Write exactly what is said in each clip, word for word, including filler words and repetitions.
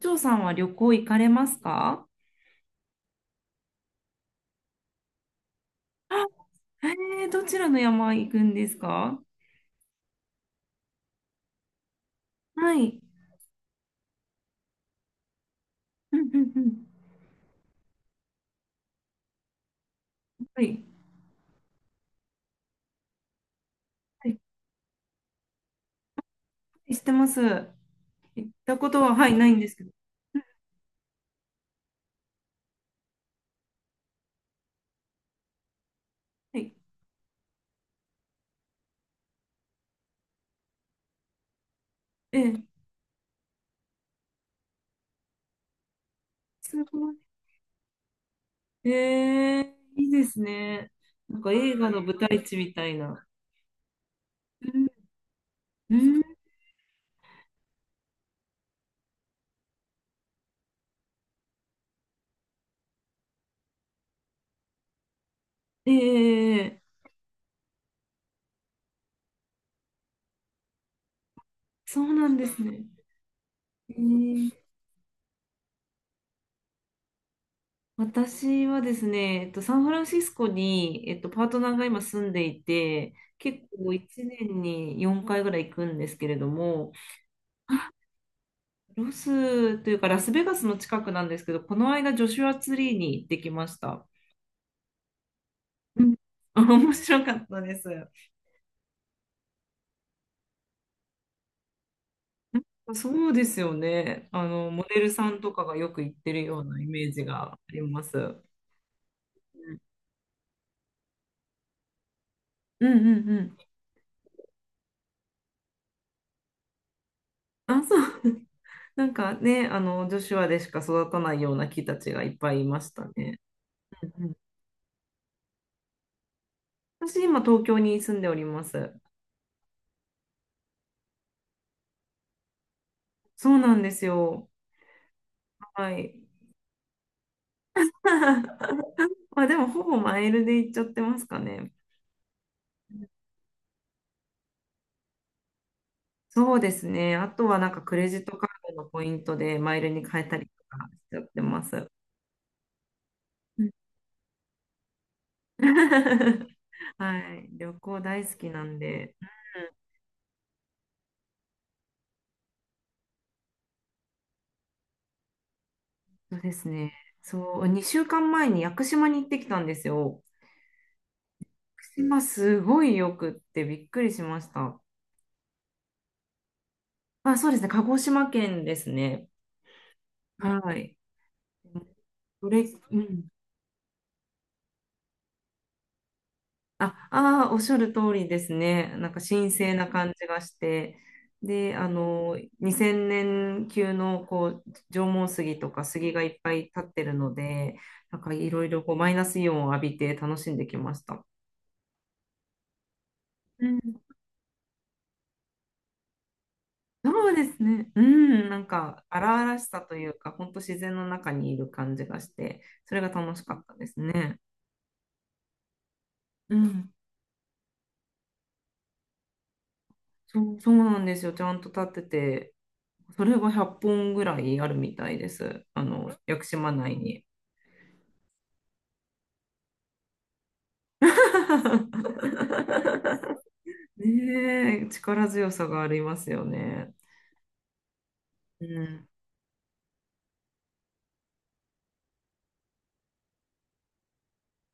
長さんは旅行行かれますか？あ、えー、どちらの山行くんですか？はい。うんうんうん。はい。はい、知ってます。行ったことは、はい、ないんですけど。はい。ええ、すごい。ええ、いいですね。なんか映画の舞台地みたいな。うん。うん、ええ、そうなんですね。ええ、私はですね、えっと、サンフランシスコに、えっと、パートナーが今住んでいて、結構いちねんによんかいぐらい行くんですけれども、ロスというかラスベガスの近くなんですけど、この間ジョシュアツリーに行ってきました。うん。 面白かったです。なんかそうですよね。あの、モデルさんとかがよく行ってるようなイメージがあります。うんうんうんうん。あ、そう。なんかね、あの、女子話でしか育たないような木たちがいっぱいいましたね。うん。私、今、東京に住んでおります。そうなんですよ。はい。まあ、でも、ほぼマイルで行っちゃってますかね。そうですね。あとは、なんか、クレジットカードのポイントでマイルに変えたりとかしちゃってます。うん。 はい。旅行大好きなんで。うん。そうですね。そう、にしゅうかんまえに屋久島に行ってきたんですよ。島すごいよくってびっくりしました。あ、そうですね。鹿児島県ですね。はい。それ、うん。あ、あー、おっしゃる通りですね。なんか神聖な感じがして。で、あの、にせんねん級のこう縄文杉とか杉がいっぱい立ってるので、なんかいろいろこうマイナスイオンを浴びて楽しんできました。そうですね。うん、なんか荒々しさというか、本当自然の中にいる感じがして、それが楽しかったですね。うん、そう、そうなんですよ。ちゃんと立ってて、それがひゃっぽんぐらいあるみたいです。あの、屋久島内に。ねえ、力強さがありますよね。うん、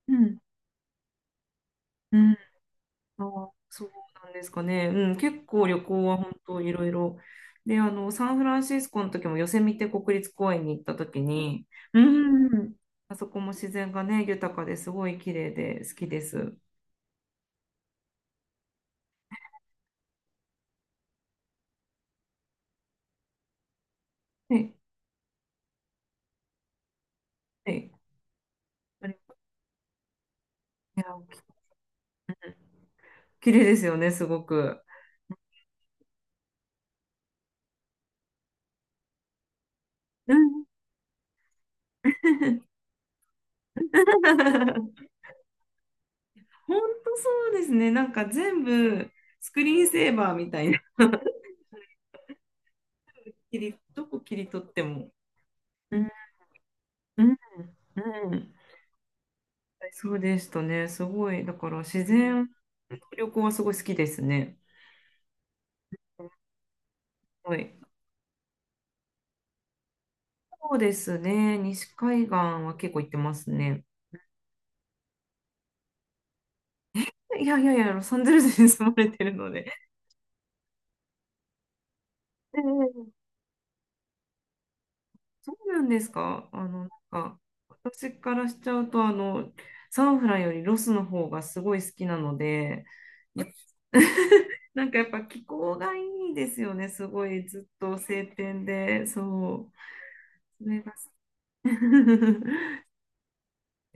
うん、うん。あー、そうなんですかね。うん、結構旅行は本当いろいろ。で、あの、サンフランシスコの時もヨセミテ国立公園に行った時に、うん、あそこも自然がね、豊かですごい綺麗で好きです。はい、はい。あれ、いや、綺麗ですよね、すごく。うん。 本当そうですね。なんか全部スクリーンセーバーみたいな。切り、どこ切り取っても。うん、うん、うん。そうでしたね。すごい。だから自然の旅行はすごい好きですね。はい。そうですね。西海岸は結構行ってますね。いやいやいや、ロサンゼルスに住まれてるので。ええ、そうなんですか？あの、なんか、私からしちゃうと、あの、サンフランよりロスの方がすごい好きなので、やっ なんかやっぱ気候がいいですよね。すごいずっと晴天で、そう。それが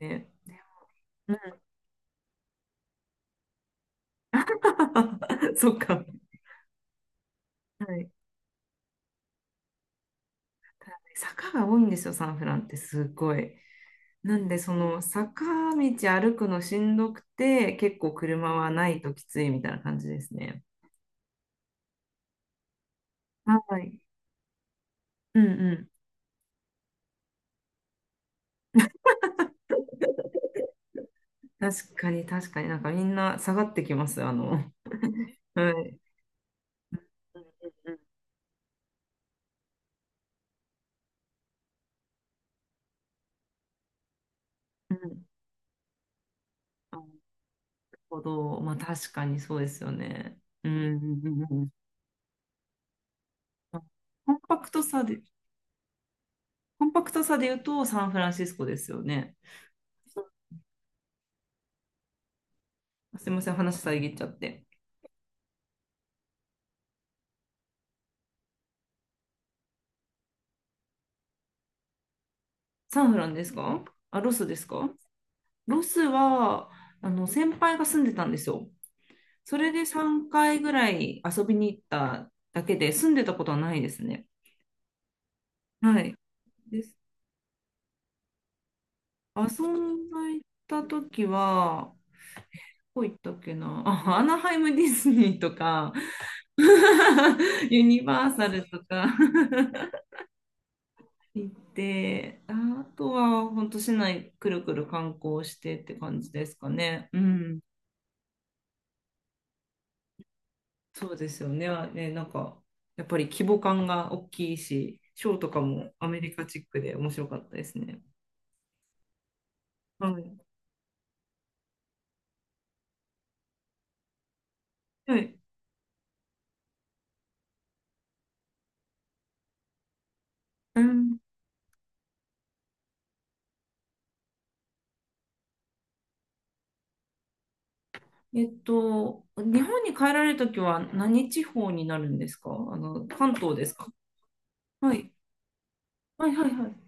ね。うん。 そっか。はい。坂が多いんですよ、サンフランってすごい。なんで、その坂道歩くのしんどくて、結構車はないときついみたいな感じですね。はい。うんうん。確かに、確かに、なんかみんな下がってきます、あの。はい。うんうんうんうん。なるほど。まあ確かにそうですよね。うんうんうんうん。コンパクトさで、コンパクトさで言うとサンフランシスコですよね。すいません、話遮っちゃって。サンフランですか？あ、ロスですか？ロスは、あの、先輩が住んでたんですよ。それでさんかいぐらい遊びに行っただけで、住んでたことはないですね。はい。です。遊んだ行った時は、どこ行ったっけなあ、アナハイムディズニーとか、ユニバーサルとか 行って、あとは本当市内くるくる観光してって感じですかね。うん。そうですよね。あね、なんか、やっぱり規模感が大きいし、ショーとかもアメリカチックで面白かったですね。はい。はい。うん、えっと、日本に帰られるときは何地方になるんですか？あの、関東ですか？はい。はいはいはい。関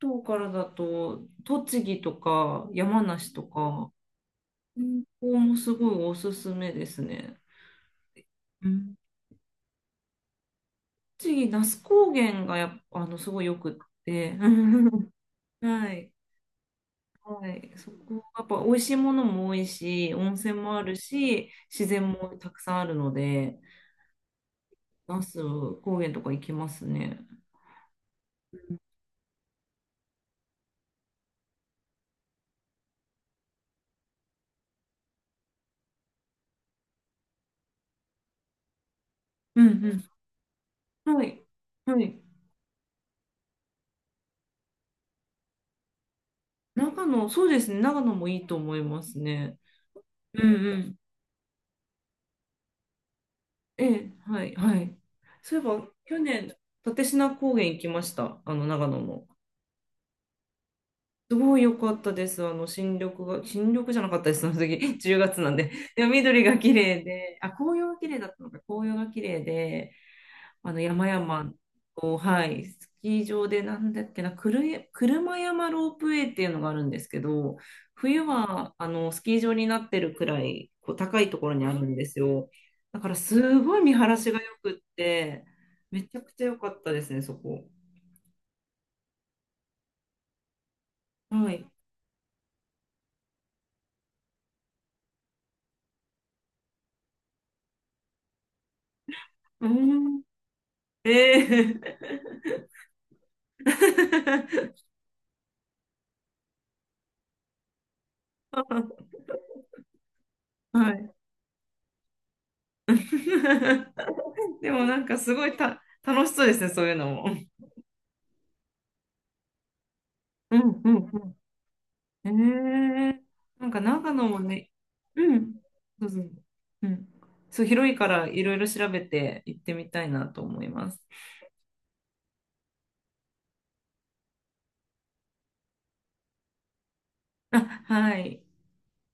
東からだと、栃木とか山梨とか、うん、ここもすごいおすすめですね。うん。栃木、那須高原がやっぱ、あの、すごいよくって。はい。はい、そこやっぱ美味しいものも多いし、温泉もあるし、自然もたくさんあるので、那須高原とか行きますね。うんうん。はい、はい。長野、そうですね、長野もいいと思いますね。うんうん。ええ、はい、はい。そういえば、去年、立科高原行きました、あの長野の。すごい良かったです、あの新緑が、新緑じゃなかったです、その時、じゅうがつなんで。でも緑が綺麗で、あ、紅葉が綺麗だったのか、紅葉が綺麗で、あの山々を、はい、スキー場でなんだっけな、くる車山ロープウェイっていうのがあるんですけど、冬はあのスキー場になってるくらいこう高いところにあるんですよ。だからすごい見晴らしが良くって、めちゃくちゃ良かったですね、そこ。はい。うん。ええ。 はい。でもなんかすごいた楽しそうですね、そういうのも。うんうんうん。ええ、なんか長野もね、うん、どうぞ。うん。そう、広いからいろいろ調べて行ってみたいなと思います。あ、はい。